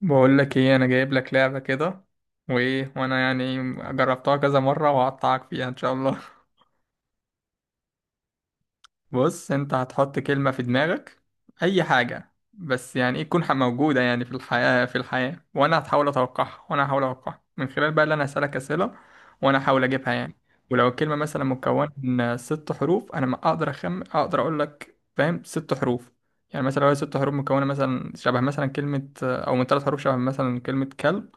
بقول لك ايه، انا جايب لك لعبة كده. وانا يعني جربتها كذا مرة، وهقطعك فيها ان شاء الله. بص، انت هتحط كلمة في دماغك، اي حاجة، بس يعني ايه تكون موجودة يعني في الحياة. وانا هحاول اتوقعها من خلال بقى اللي انا هسألك اسئلة، وانا هحاول اجيبها يعني. ولو الكلمة مثلا مكونة من ست حروف، انا ما اقدر اقدر اقول لك فاهم، ست حروف. يعني مثلا لو هي ست حروف مكونة مثلا شبه مثلا كلمة، او من ثلاث حروف شبه مثلا كلمة كلب،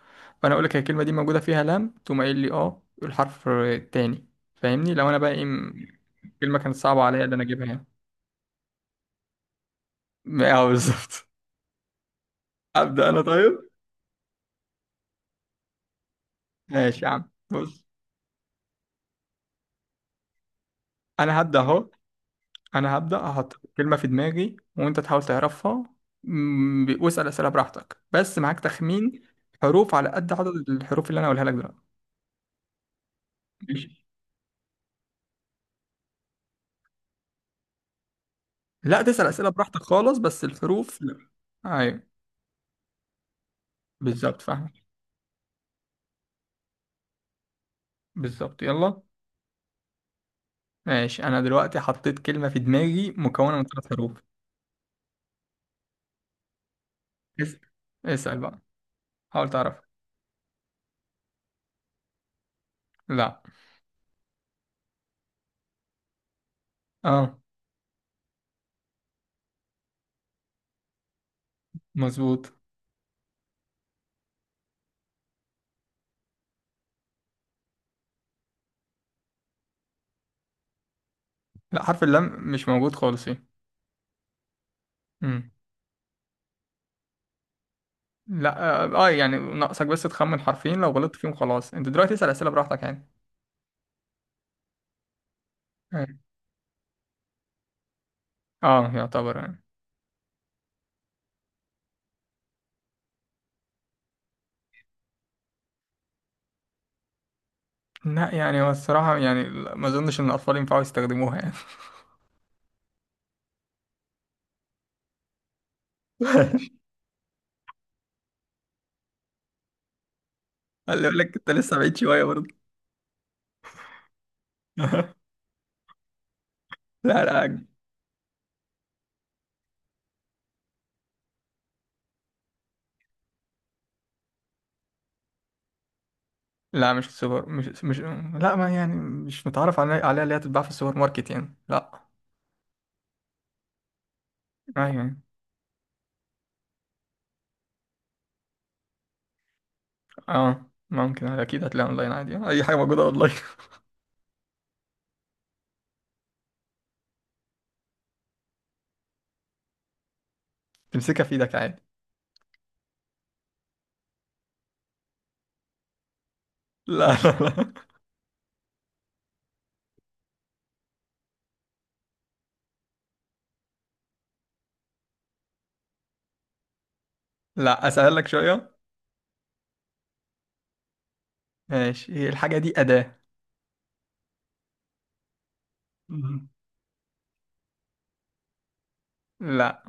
فانا اقول لك هي الكلمة دي موجودة فيها لام، تقوم قايل لي اه الحرف التاني. فاهمني؟ لو انا بقى ايه الكلمة كانت صعبة عليا ان انا اجيبها يعني. اه بالظبط. ابدا انا طيب. ماشي يا عم، بص. انا هبدا اهو. انا هبدا احط كلمه في دماغي وانت تحاول تعرفها. واسال اسئله براحتك، بس معاك تخمين حروف على قد عدد الحروف اللي انا هقولها لك دلوقتي. ماشي. لا، تسال اسئله براحتك خالص، بس الحروف لا. ايوه بالظبط، فاهم. بالظبط، يلا. ماشي، انا دلوقتي حطيت كلمه في دماغي مكونه من ثلاث حروف. اسال. اسال بقى. حاول تعرف. لا. اه. مظبوط. لا، حرف اللام مش موجود خالص هنا. امم لا. اه يعني ناقصك بس تخمن حرفين، لو غلطت فيهم خلاص. انت دلوقتي اسأل اسئلة براحتك يعني. اه. يعتبر يعني. لا يعني هو الصراحة يعني لا، ما اظنش ان الاطفال ينفعوا يستخدموها يعني. اللي يقول لك انت لسه بعيد شوية برضه. لا لا. لا، مش السوبر مش مش لا. ما يعني مش متعرف عليها اللي هي تتباع في السوبر ماركت يعني لا. ايوه يعني. اه ممكن، اكيد هتلاقيها اونلاين عادي، اي حاجة موجودة اونلاين. تمسكها في ايدك عادي. لا لا لا لا، اسهل لك شوية. ماشي، هي الحاجة دي أداة. مم. لا.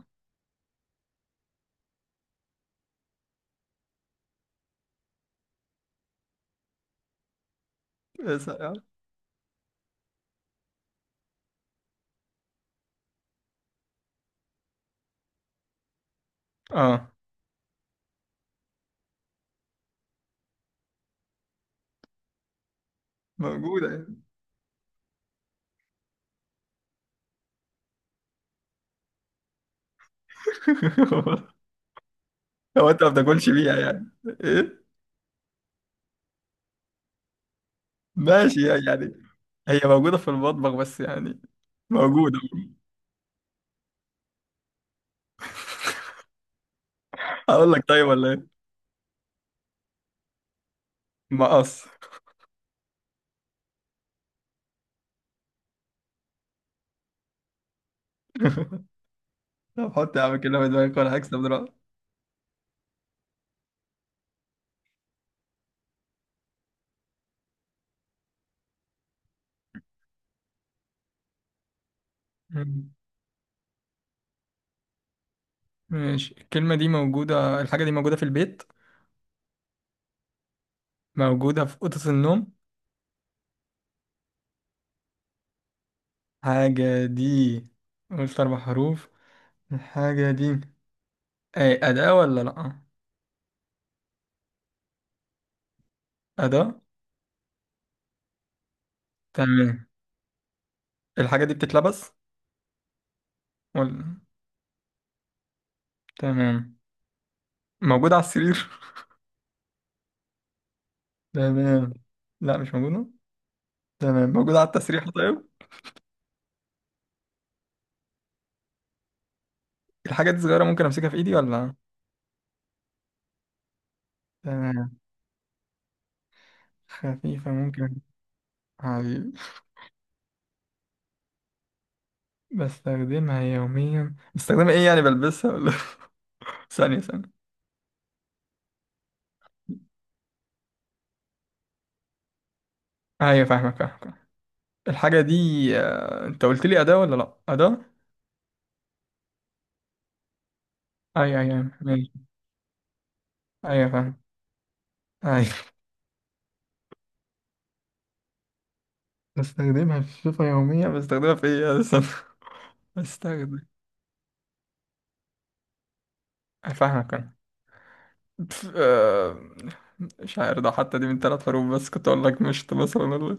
بس- اه موجودة يعني. هو انت ما بتاكلش بيها يعني؟ ايه ماشي يعني. هي موجودة في المطبخ بس يعني، موجودة. هقول لك طيب، ولا ايه. مقص. طب حط يا عم كده في دماغك وانا هكسب دلوقتي. مم. ماشي. الكلمة دي موجودة الحاجة دي موجودة في البيت؟ موجودة في أوضة النوم؟ حاجة دي، قلت أربع حروف. الحاجة دي أي أداة ولا لأ؟ أداة. تمام. الحاجة دي بتتلبس ولا؟ تمام. موجود على السرير؟ تمام. لا مش موجودة. تمام، موجود على التسريحة طيب. الحاجة دي صغيرة ممكن أمسكها في إيدي ولا؟ تمام. خفيفة ممكن. حبيبي. بستخدمها يوميا، بستخدمها إيه يعني، بلبسها ولا؟ ثانية ثانية. أيوة فاهمك فاهمك. الحاجة دي، أنت قلت لي أداة ولا لأ؟ أداة. أيوة أيوة ماشي. أيوة فاهم. أيوة. بستخدمها في صفة يومية، بستخدمها في إيه يا أستاذ؟ بستخدم. فاهمك أنا. ف- آه، مش عارف، ده حتى دي من ثلاث حروف؟ بس كنت اقول لك مشط مثلا، ولا؟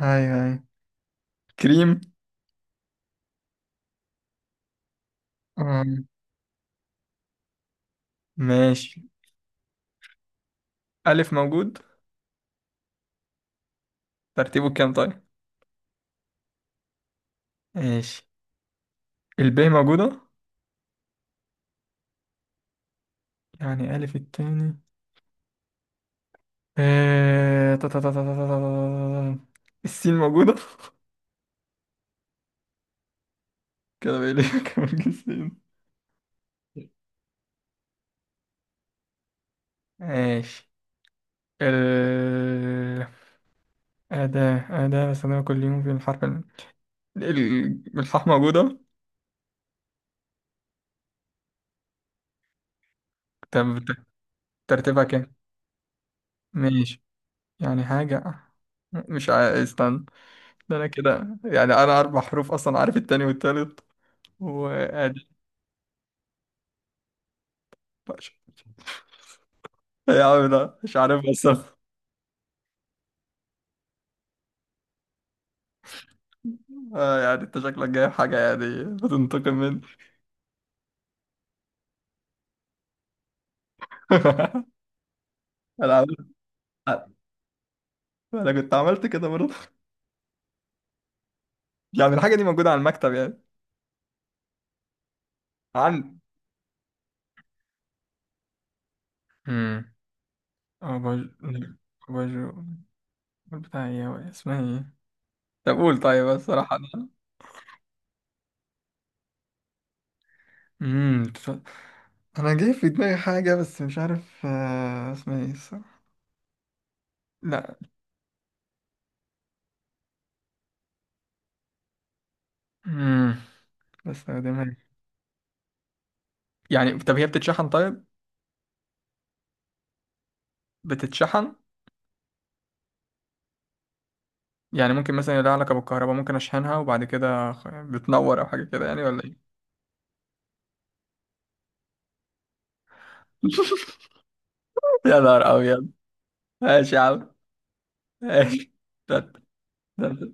ايوه ايوه. كريم. أم، ماشي. ألف موجود؟ ترتيبه كام طيب؟ ماشي. الب موجودة؟ يعني ألف التاني. آه، تا- تا- تا- تا- تا- تا- تا- السين موجودة؟ كده بقى لي كام السين؟ ماشي. ال. أداة أداة بستخدمها كل يوم، في الحرف ال... الحاء موجودة؟ طب ترتيبها كام؟ ماشي. يعني حاجة، مش عايز استنى، ده انا كده يعني انا اربع حروف اصلا عارف التاني والتالت. وادي يا عم، لا مش عارف بس. يعني انت شكلك جايب حاجة يعني بتنتقم مني. انا عملت، انا كنت عملت كده برضه. يعني الحاجة دي موجودة على المكتب يعني؟ عندي. امم أباج... أباجو. بتاع ايه هو، اسمها ايه؟ طب قول طيب، الصراحة انا. امم انا جاي في دماغي حاجة، بس مش عارف اسمها ايه الصراحة. لا. امم بستخدمها يعني. طب هي بتتشحن طيب؟ بتتشحن. يعني ممكن مثلا لها علاقة بالكهرباء، ممكن أشحنها وبعد كده بتنور، أو حاجة كده يعني، ولا إيه؟ يا نهار أبيض. ماشي يا عم. ماشي. ده ده ده-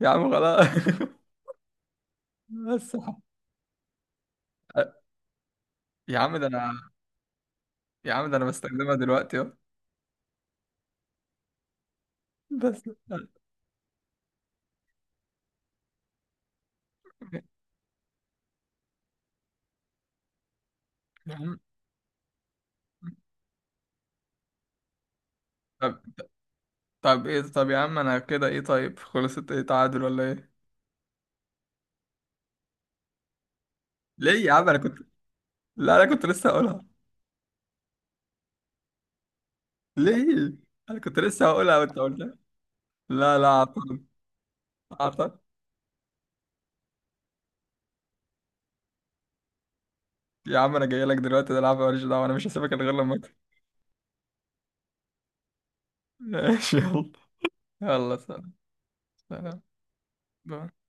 يا عم خلاص. بس. يا عم ده أنا. يا عم ده أنا بستخدمها دلوقتي أهو. بس. يا عم طب طب إيه، طب يا عم أنا كده إيه، طيب خلصت إيه، تعادل ولا إيه؟ ليه يا عم، أنا كنت، لا أنا كنت لسه هقولها. ليه؟ انا كنت لسه هقولها وانت قلتها. لا لا عطل. عطل. يا عم انا جاي لك دلوقتي ده العب، ماليش دعوه، انا مش هسيبك إلا غير لما اكل. ماشي، يلا. يلا سلام. سلام. باي.